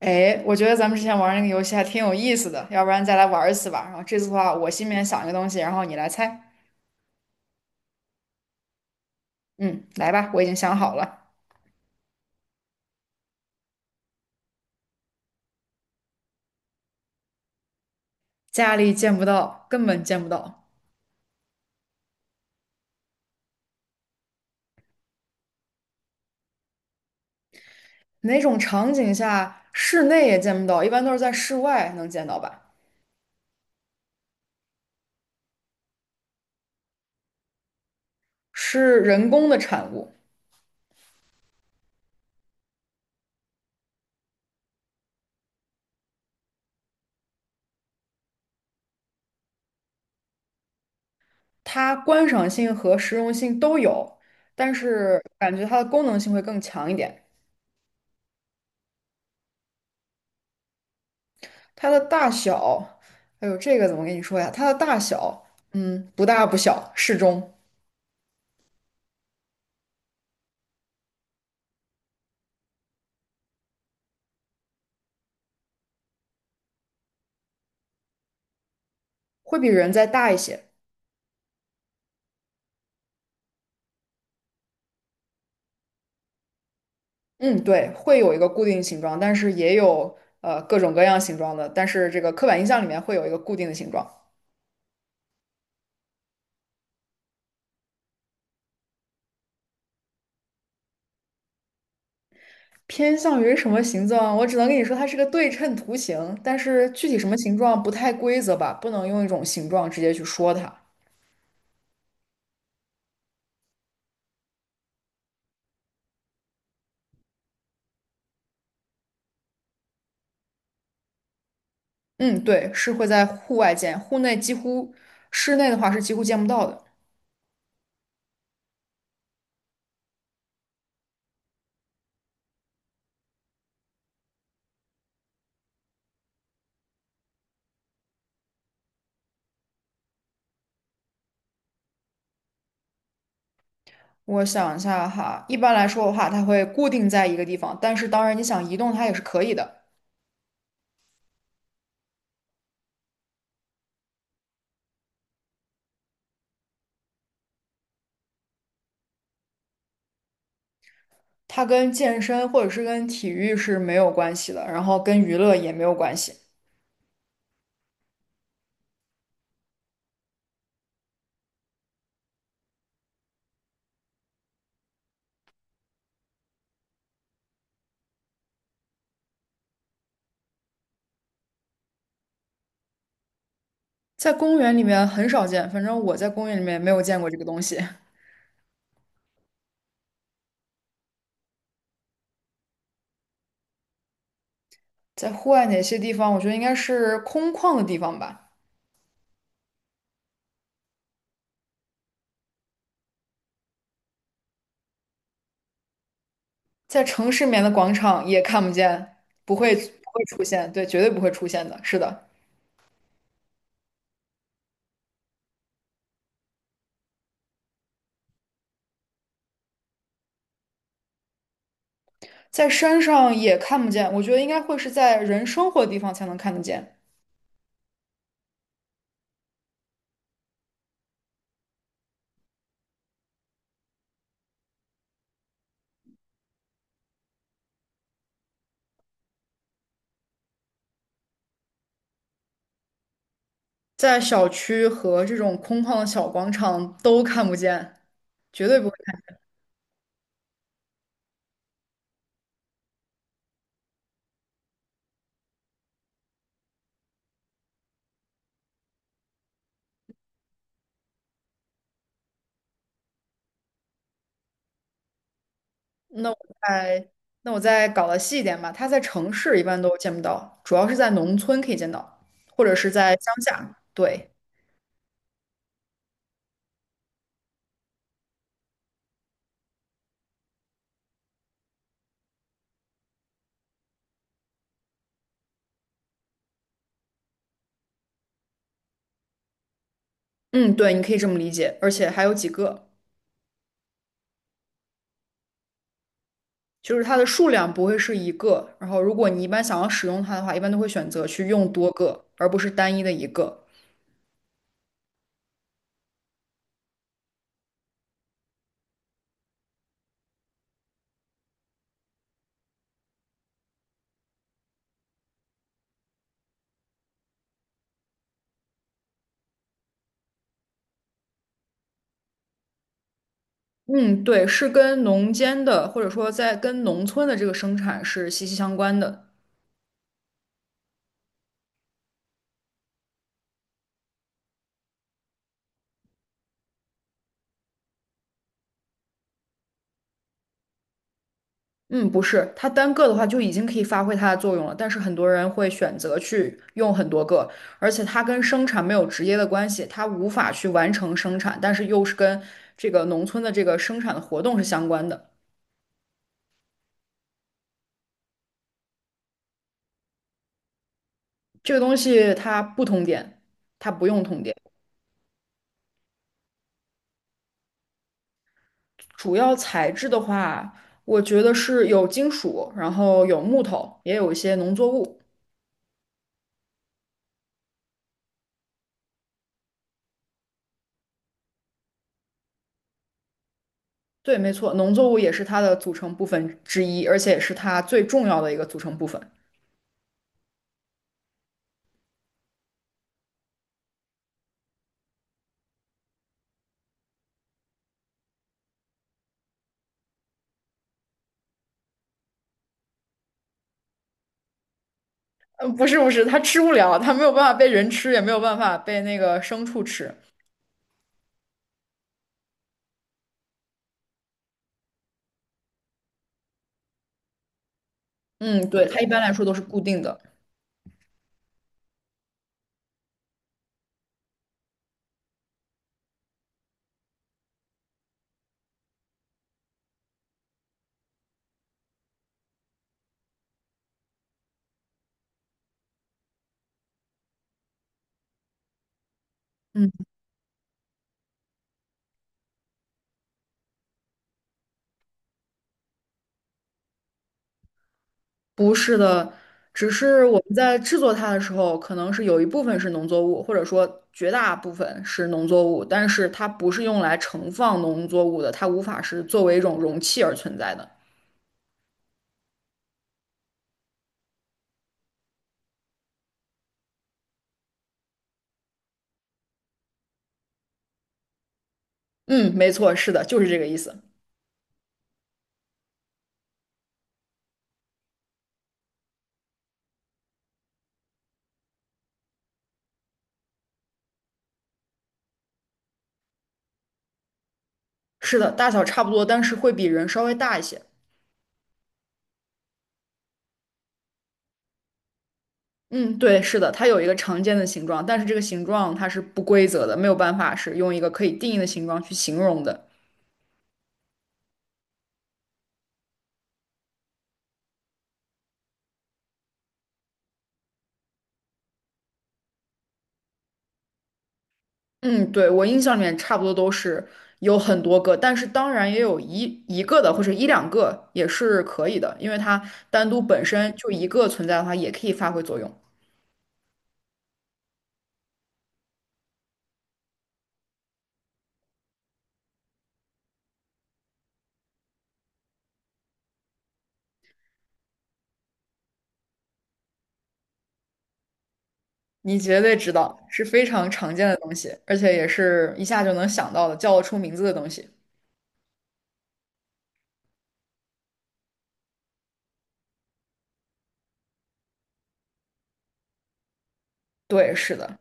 哎，我觉得咱们之前玩那个游戏还挺有意思的，要不然再来玩一次吧。然后这次的话，我心里面想一个东西，然后你来猜。嗯，来吧，我已经想好了。家里见不到，根本见不到。哪种场景下室内也见不到？一般都是在室外能见到吧？是人工的产物，它观赏性和实用性都有，但是感觉它的功能性会更强一点。它的大小，哎呦，这个怎么跟你说呀？它的大小，嗯，不大不小，适中。会比人再大一些。嗯，对，会有一个固定形状，但是也有各种各样形状的，但是这个刻板印象里面会有一个固定的形状，偏向于什么形状？我只能跟你说它是个对称图形，但是具体什么形状不太规则吧，不能用一种形状直接去说它。嗯，对，是会在户外见，户内几乎，室内的话是几乎见不到的。我想一下哈，一般来说的话，它会固定在一个地方，但是当然你想移动它也是可以的。它跟健身或者是跟体育是没有关系的，然后跟娱乐也没有关系，在公园里面很少见，反正我在公园里面没有见过这个东西。在户外哪些地方，我觉得应该是空旷的地方吧，在城市里面的广场也看不见，不会出现，对，绝对不会出现的，是的，在山上也看不见，我觉得应该会是在人生活的地方才能看得见，在小区和这种空旷的小广场都看不见，绝对不。那我再那我再搞得细一点吧，它在城市一般都见不到，主要是在农村可以见到，或者是在乡下。对，嗯，对，你可以这么理解，而且还有几个，就是它的数量不会是一个。然后，如果你一般想要使用它的话，一般都会选择去用多个，而不是单一的一个。嗯，对，是跟农间的或者说在跟农村的这个生产是息息相关的。嗯，不是，它单个的话就已经可以发挥它的作用了，但是很多人会选择去用很多个，而且它跟生产没有直接的关系，它无法去完成生产，但是又是跟这个农村的这个生产的活动是相关的。这个东西它不通电，它不用通电。主要材质的话，我觉得是有金属，然后有木头，也有一些农作物。对，没错，农作物也是它的组成部分之一，而且也是它最重要的一个组成部分。不是不是，它吃不了，它没有办法被人吃，也没有办法被那个牲畜吃。嗯，对，它一般来说都是固定的。嗯，不是的，只是我们在制作它的时候，可能是有一部分是农作物，或者说绝大部分是农作物，但是它不是用来盛放农作物的，它无法是作为一种容器而存在的。嗯，没错，是的，就是这个意思。是的，大小差不多，但是会比人稍微大一些。嗯，对，是的，它有一个常见的形状，但是这个形状它是不规则的，没有办法是用一个可以定义的形状去形容的。嗯，对，我印象里面差不多都是有很多个，但是当然也有一个的或者一两个也是可以的，因为它单独本身就一个存在的话，也可以发挥作用。你绝对知道，是非常常见的东西，而且也是一下就能想到的，叫得出名字的东西。对，是的。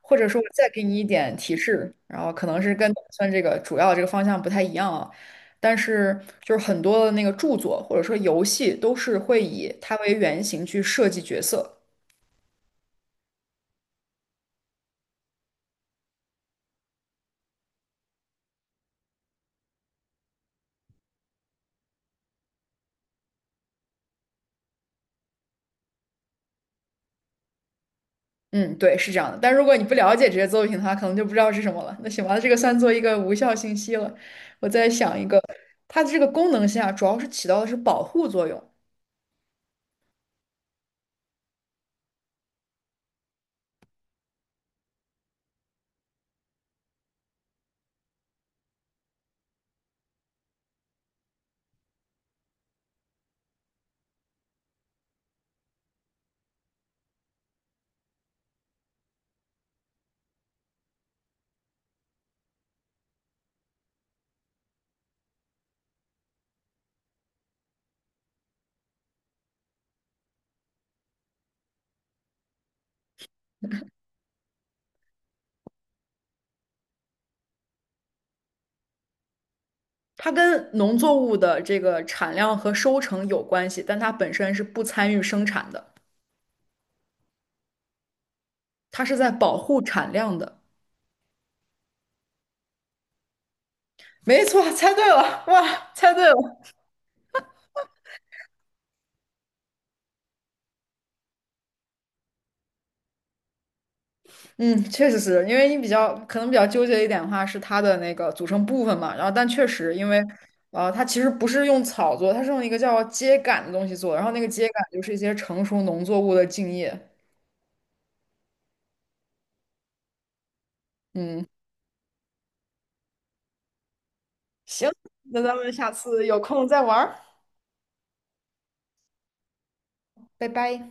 或者说我再给你一点提示，然后可能是跟打算这个主要这个方向不太一样啊，但是就是很多的那个著作或者说游戏都是会以它为原型去设计角色。嗯，对，是这样的。但如果你不了解这些作品的话，可能就不知道是什么了。那行吧，这个算作一个无效信息了。我再想一个，它的这个功能性啊，主要是起到的是保护作用。它跟农作物的这个产量和收成有关系，但它本身是不参与生产的。它是在保护产量的。没错，猜对了，哇，猜对了。嗯，确实是因为你比较可能比较纠结一点的话是它的那个组成部分嘛，然后但确实因为它其实不是用草做，它是用一个叫秸秆的东西做，然后那个秸秆就是一些成熟农作物的茎叶。嗯，行，那咱们下次有空再玩儿。拜拜。